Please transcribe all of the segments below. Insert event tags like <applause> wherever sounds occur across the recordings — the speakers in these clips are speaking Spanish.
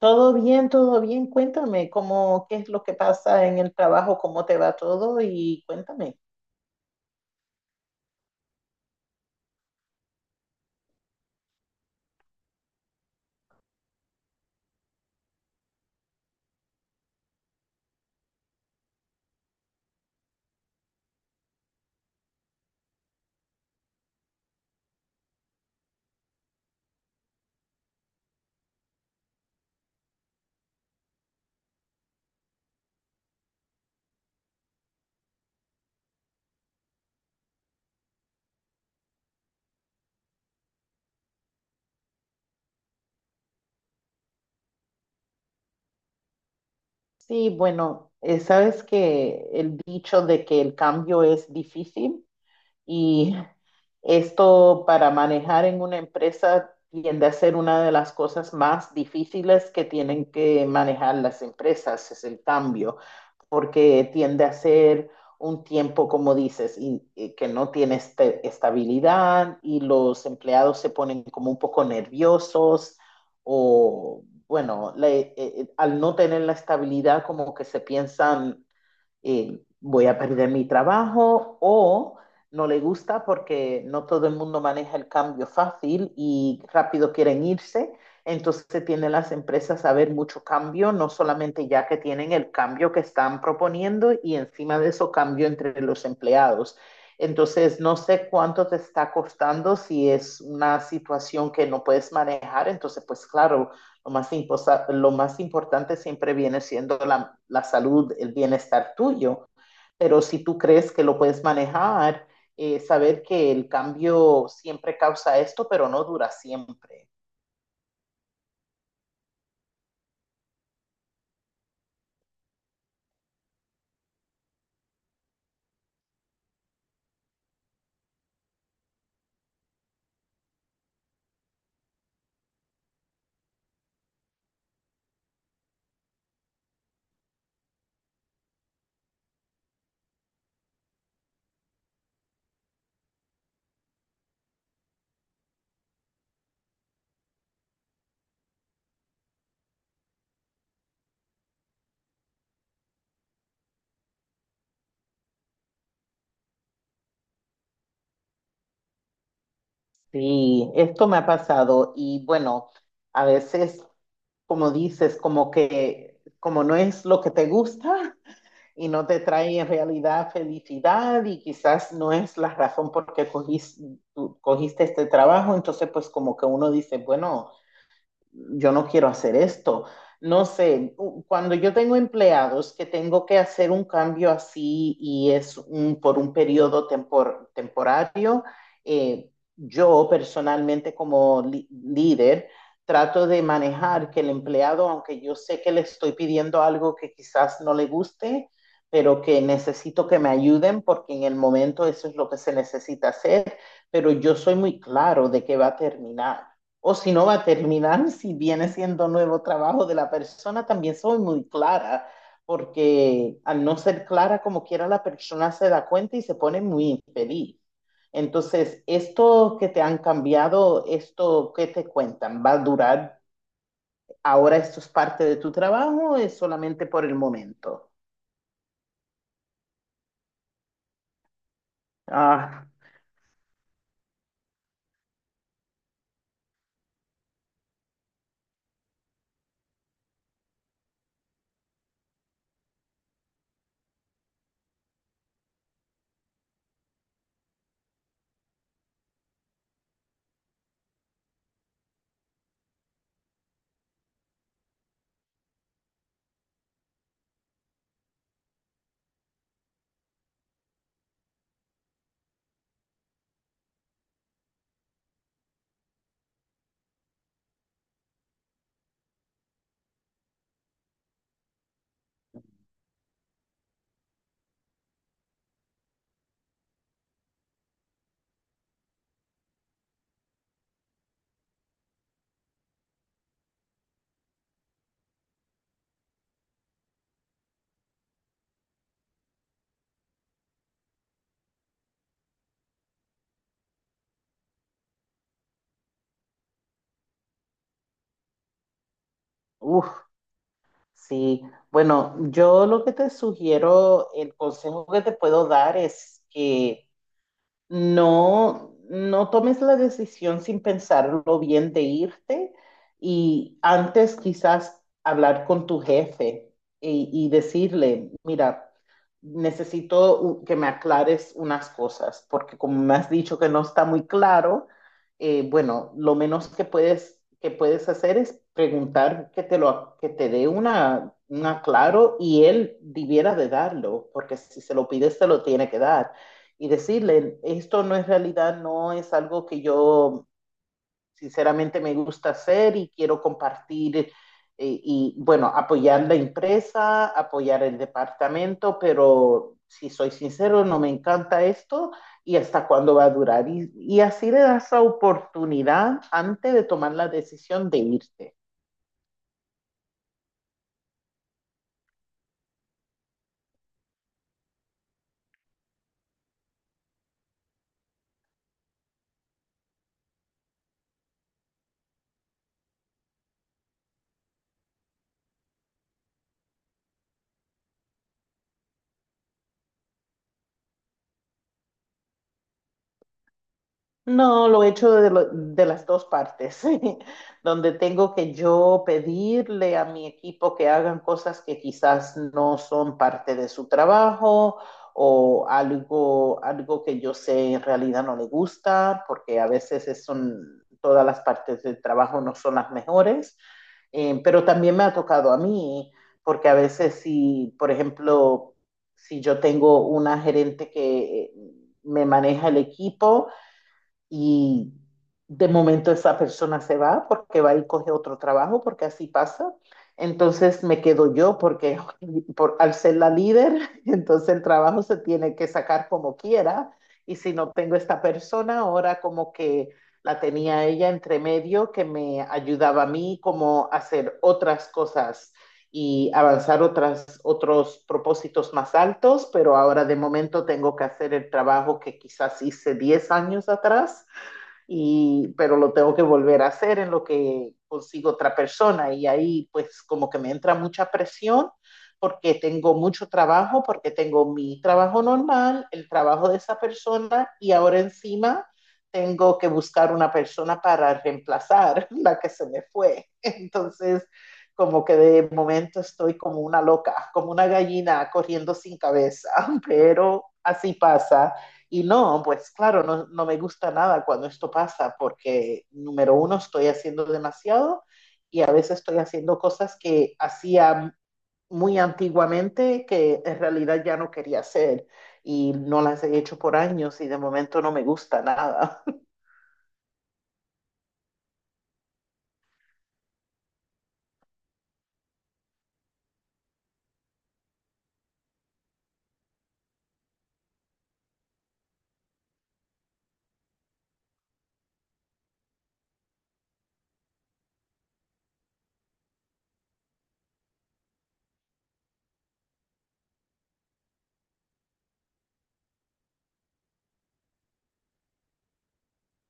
Todo bien, todo bien. Cuéntame cómo, qué es lo que pasa en el trabajo, cómo te va todo y cuéntame. Sí, bueno, sabes que el dicho de que el cambio es difícil, y esto para manejar en una empresa tiende a ser una de las cosas más difíciles que tienen que manejar las empresas, es el cambio, porque tiende a ser un tiempo, como dices, y que no tiene estabilidad y los empleados se ponen como un poco nerviosos o, bueno, al no tener la estabilidad como que se piensan, voy a perder mi trabajo o no le gusta porque no todo el mundo maneja el cambio fácil y rápido quieren irse. Entonces tienen las empresas a ver mucho cambio, no solamente ya que tienen el cambio que están proponiendo y encima de eso cambio entre los empleados. Entonces, no sé cuánto te está costando si es una situación que no puedes manejar. Entonces, pues claro, lo más importante siempre viene siendo la salud, el bienestar tuyo, pero si tú crees que lo puedes manejar, saber que el cambio siempre causa esto, pero no dura siempre. Sí, esto me ha pasado y bueno, a veces, como dices, como que, como no es lo que te gusta, y no te trae en realidad felicidad y quizás no es la razón por qué cogiste este trabajo, entonces pues como que uno dice, bueno, yo no quiero hacer esto. No sé, cuando yo tengo empleados que tengo que hacer un cambio así y por un temporario, yo personalmente como líder trato de manejar que el empleado, aunque yo sé que le estoy pidiendo algo que quizás no le guste, pero que necesito que me ayuden porque en el momento eso es lo que se necesita hacer, pero yo soy muy claro de que va a terminar. O si no va a terminar, si viene siendo nuevo trabajo de la persona, también soy muy clara, porque al no ser clara como quiera, la persona se da cuenta y se pone muy infeliz. Entonces, esto que te han cambiado, esto que te cuentan, ¿va a durar? ¿Ahora esto es parte de tu trabajo o es solamente por el momento? Ah, uff, sí. Bueno, yo lo que te sugiero, el consejo que te puedo dar es que no, no tomes la decisión sin pensarlo bien de irte y antes quizás hablar con tu jefe y decirle, mira, necesito que me aclares unas cosas, porque como me has dicho que no está muy claro, bueno, lo menos que que puedes hacer es preguntar que te lo, que te dé una, un aclaro y él debiera de darlo, porque si se lo pides, te lo tiene que dar y decirle, esto no es realidad, no es algo que yo sinceramente me gusta hacer y quiero compartir, y bueno, apoyar la empresa, apoyar el departamento, pero si soy sincero, no me encanta esto y hasta cuándo va a durar. Y así le das la oportunidad antes de tomar la decisión de irte. No, lo he hecho de, de las dos partes, <laughs> donde tengo que yo pedirle a mi equipo que hagan cosas que quizás no son parte de su trabajo o algo que yo sé en realidad no le gusta, porque a veces todas las partes del trabajo no son las mejores. Pero también me ha tocado a mí, porque a veces si, por ejemplo, si yo tengo una gerente que me maneja el equipo, y de momento esa persona se va porque va y coge otro trabajo, porque así pasa. Entonces me quedo yo porque <laughs> por, al ser la líder, <laughs> entonces el trabajo se tiene que sacar como quiera. Y si no tengo esta persona, ahora como que la tenía ella entre medio que me ayudaba a mí como a hacer otras cosas y avanzar otras, otros propósitos más altos, pero ahora de momento tengo que hacer el trabajo que quizás hice 10 años atrás y, pero lo tengo que volver a hacer en lo que consigo otra persona y ahí pues como que me entra mucha presión porque tengo mucho trabajo, porque tengo mi trabajo normal, el trabajo de esa persona y ahora encima tengo que buscar una persona para reemplazar <laughs> la que se me fue. Entonces, como que de momento estoy como una loca, como una gallina corriendo sin cabeza, <laughs> pero así pasa. Y no, pues claro, no, no me gusta nada cuando esto pasa porque, número uno, estoy haciendo demasiado y a veces estoy haciendo cosas que hacía muy antiguamente que en realidad ya no quería hacer y no las he hecho por años y de momento no me gusta nada.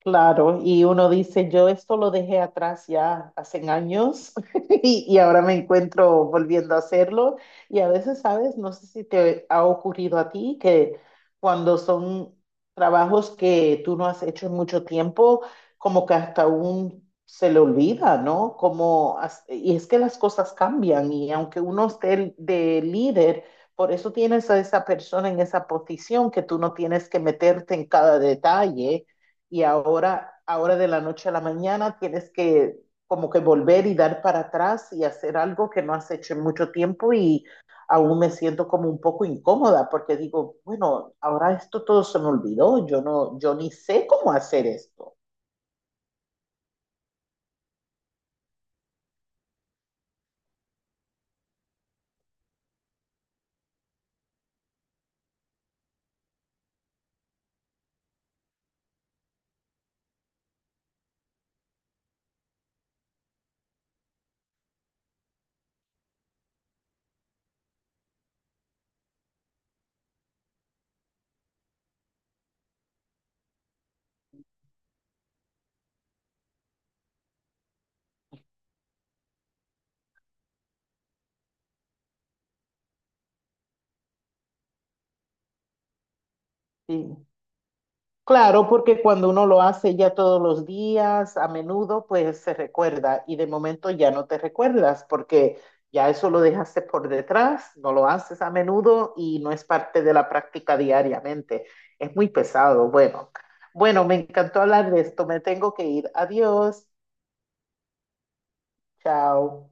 Claro, y uno dice, yo esto lo dejé atrás ya hace años <laughs> y ahora me encuentro volviendo a hacerlo. Y a veces, ¿sabes? No sé si te ha ocurrido a ti que cuando son trabajos que tú no has hecho en mucho tiempo, como que hasta aún se le olvida, ¿no? Como, y es que las cosas cambian y aunque uno esté de líder, por eso tienes a esa persona en esa posición que tú no tienes que meterte en cada detalle y ahora de la noche a la mañana tienes que como que volver y dar para atrás y hacer algo que no has hecho en mucho tiempo y aún me siento como un poco incómoda porque digo, bueno, ahora esto todo se me olvidó, yo no, yo ni sé cómo hacer esto. Sí. Claro, porque cuando uno lo hace ya todos los días, a menudo, pues se recuerda y de momento ya no te recuerdas porque ya eso lo dejaste por detrás, no lo haces a menudo y no es parte de la práctica diariamente. Es muy pesado. Bueno, bueno, me encantó hablar de esto. Me tengo que ir. Adiós. Chao.